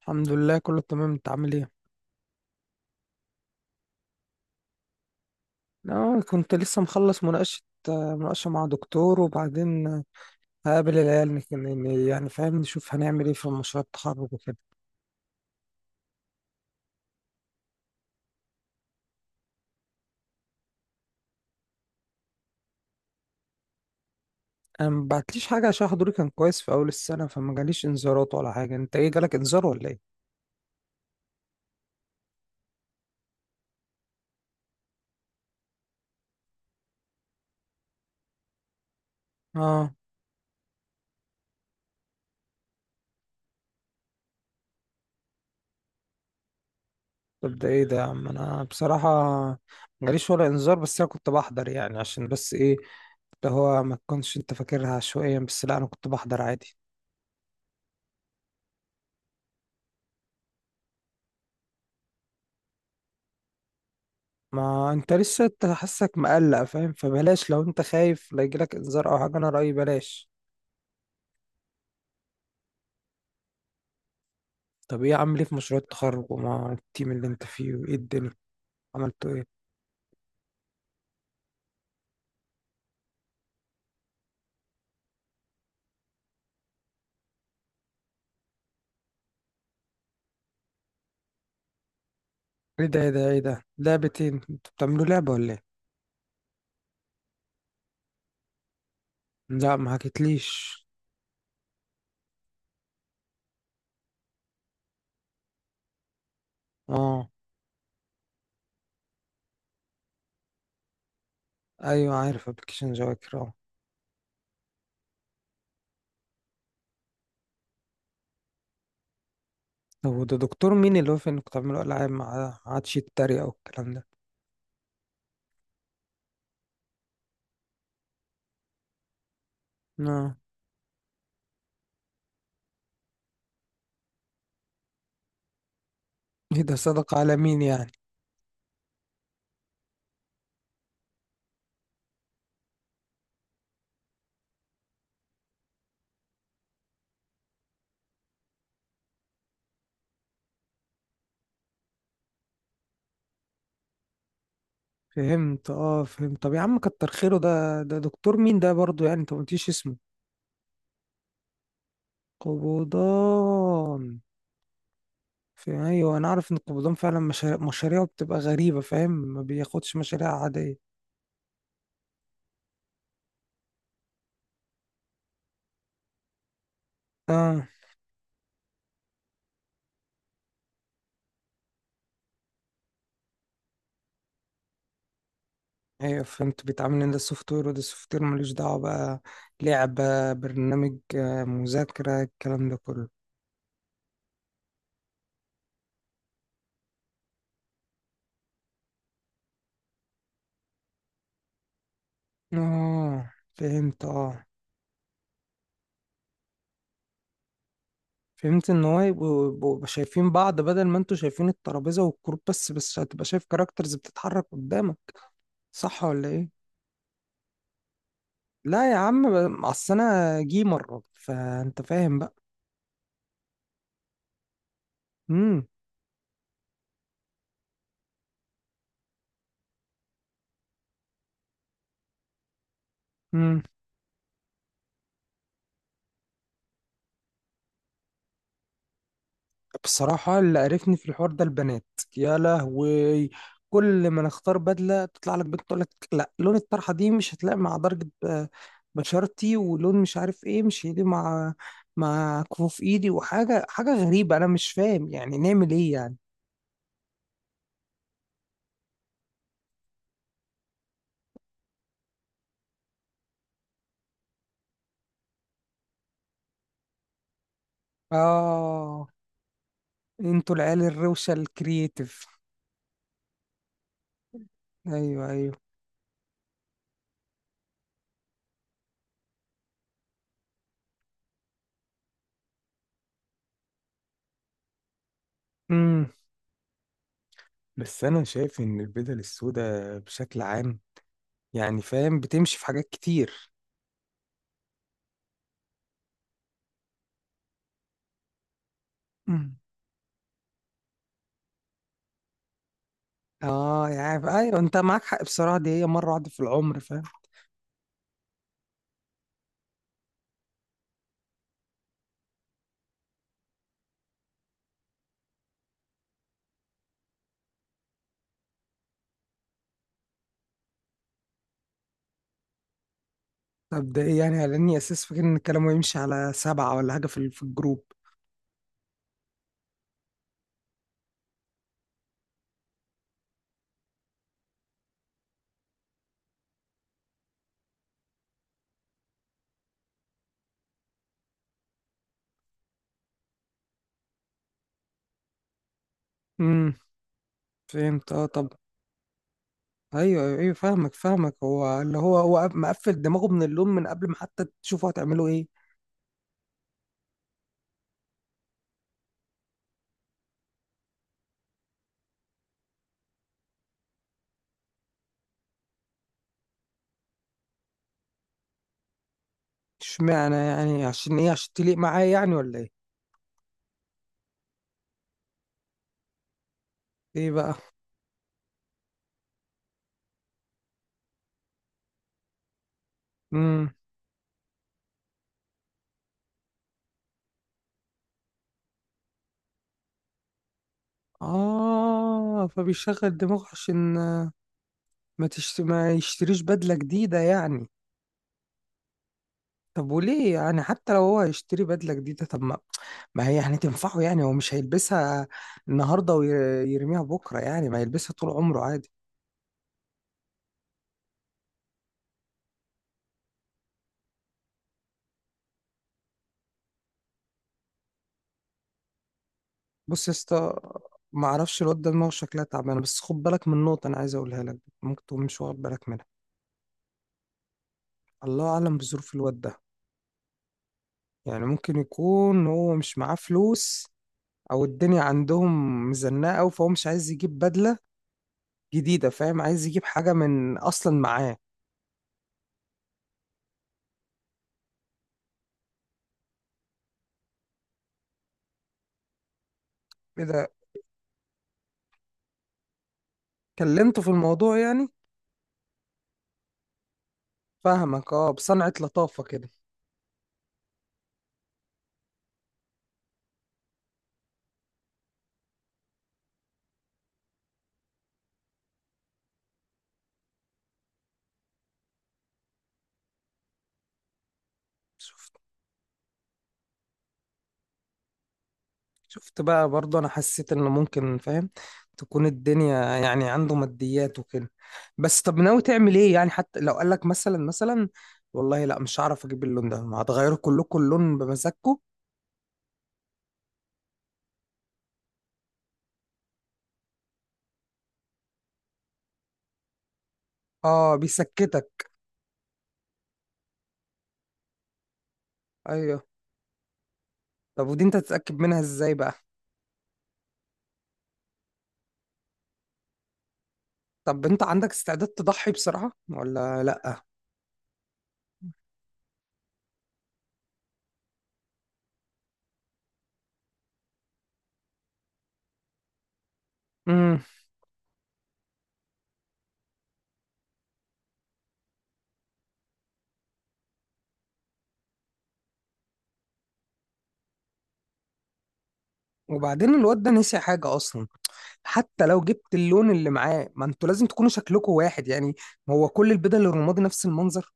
الحمد لله، كله تمام. انت عامل ايه؟ اه، كنت لسه مخلص مناقشة مع دكتور، وبعدين هقابل العيال يعني فاهم، نشوف هنعمل ايه في مشروع التخرج وكده. انا ما بعتليش حاجة عشان حضوري كان كويس في اول السنة، فما جاليش انذارات ولا حاجة. انت ايه، جالك انذار ولا ايه؟ اه. طب ده ايه ده يا عم؟ انا بصراحة ما جاليش ولا انذار، بس انا كنت بحضر يعني عشان بس ايه اللي هو ما تكونش انت فاكرها عشوائيا، بس لا انا كنت بحضر عادي. ما انت لسه انت حاسك مقلق فاهم، فبلاش. لو انت خايف لا يجيلك انذار او حاجه، انا رايي بلاش. طب ايه، عامل ايه في مشروع التخرج ومع التيم اللي انت فيه، وايه الدنيا عملتوا ايه؟ ايه ده، ايه ده، ايه ده لعبتين؟ انتوا بتعملوا لعبه ولا ايه؟ لا، ما حكيتليش. اه، ايوه عارف ابلكيشن جواكر، اه. طب وده دكتور مين اللي هو في انكم تعملوا العاب، ما عادش يتريق او الكلام ده؟ اه. ايه ده، صدق على مين يعني؟ فهمت، اه فهمت. طب يا عم كتر خيره، ده دكتور مين ده برضو؟ يعني انت ما قلتيش اسمه. قبضان؟ في، ايوه، انا عارف ان القبضان فعلا مشاريعه بتبقى غريبه فاهم، ما بياخدش مشاريع عاديه. اه، ايوه، فهمت. بيتعامل ان ده سوفت وير وده سوفت وير ملوش دعوه بقى، لعبه، برنامج، مذاكره، الكلام ده كله. اه، فهمت. اه، فهمت ان هو يبقوا شايفين بعض، بدل ما انتوا شايفين الترابيزه والكروب بس هتبقى شايف كاركترز بتتحرك قدامك، صح ولا ايه؟ لا يا عم، اصل انا جيمر فانت فاهم بقى. امم. مم. بصراحة اللي قرفني في الحوار ده البنات. يا لهوي. كل ما نختار بدلة تطلع لك بنت تقول لك لا، لون الطرحة دي مش هتلاقي مع درجة بشرتي، ولون مش عارف ايه مش هيلي مع كفوف ايدي، وحاجة حاجة غريبة. انا مش فاهم يعني نعمل ايه يعني. اه، انتوا العيال الروشة الكرييتيف. ايوه، ايوه. امم. بس انا شايف ان البدل السوداء بشكل عام يعني فاهم بتمشي في حاجات كتير. اه، يعني ايوه، انت معاك حق بصراحه. دي هي مره واحده في العمر فاهم. طب ده ايه يعني، لاني اساس فاكر ان الكلام يمشي على سبعه ولا حاجه في الجروب. امم، فهمت، اه. طب، ايوه، ايوه، أيوة، فاهمك فاهمك. هو اللي هو هو مقفل دماغه من اللون من قبل ما حتى تشوفوا هتعملوا ايه. اشمعنى يعني، عشان ايه، عشان تليق معايا يعني ولا ايه؟ ايه بقى؟ امم. اه، فبيشغل دماغه عشان ما يشتريش بدله جديده يعني. طب وليه يعني، حتى لو هو هيشتري بدله جديده، طب ما هي يعني تنفعه. يعني هو مش هيلبسها النهارده ويرميها بكره، يعني ما هيلبسها طول عمره عادي. بص يا اسطى، ما اعرفش الواد ده دماغه شكلها تعبانه، بس خد بالك من نقطه انا عايز اقولها لك ممكن تكون مش واخد بالك منها. الله اعلم بظروف الواد ده. يعني ممكن يكون هو مش معاه فلوس، او الدنيا عندهم مزنقه أوي فهو مش عايز يجيب بدله جديده فاهم، عايز يجيب حاجه من اصلا معاه. كده، كلمته في الموضوع يعني. فاهمك، اه، بصنعة لطافه كده. شفت بقى برضه، انا حسيت ان ممكن فاهم تكون الدنيا يعني عنده ماديات وكده. بس طب ناوي تعمل ايه يعني؟ حتى لو قال لك مثلا والله لا مش هعرف اجيب اللون ده، هتغيروا كلكم اللون بمزاجكم؟ اه، بيسكتك. ايوه. طب ودي انت تتأكد منها ازاي بقى؟ طب انت عندك استعداد تضحي بصراحة ولا لا؟ امم. وبعدين الواد ده نسي حاجة اصلا، حتى لو جبت اللون اللي معاه ما انتوا لازم تكونوا شكلكم واحد يعني. ما هو كل البدل الرمادي نفس المنظر.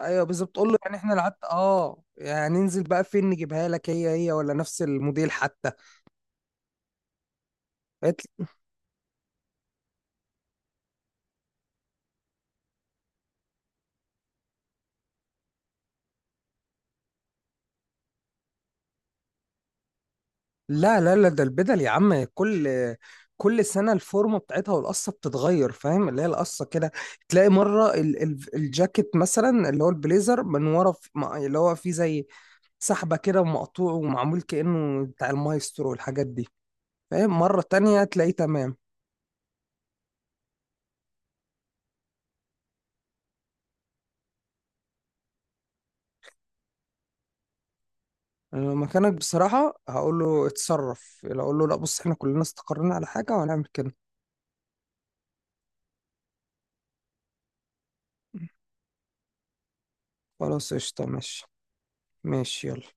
ايوه بالظبط، تقول له يعني احنا العت اه، يعني ننزل بقى فين نجيبها لك، هي هي ولا نفس الموديل حتى. قالت لي لا، لا، لا، ده البدل يا عم كل سنه الفورمه بتاعتها والقصه بتتغير فاهم. اللي هي القصه كده، تلاقي مره ال ال الجاكيت مثلا اللي هو البليزر من ورا اللي هو فيه زي سحبه كده ومقطوع ومعمول كانه بتاع المايسترو والحاجات دي فاهم. مره تانية تلاقيه تمام. أنا مكانك بصراحة هقول له اتصرف، لو اقول له لا بص احنا كلنا استقرينا على حاجة وهنعمل كده. خلاص قشطة، ماشي. ماشي، يلا.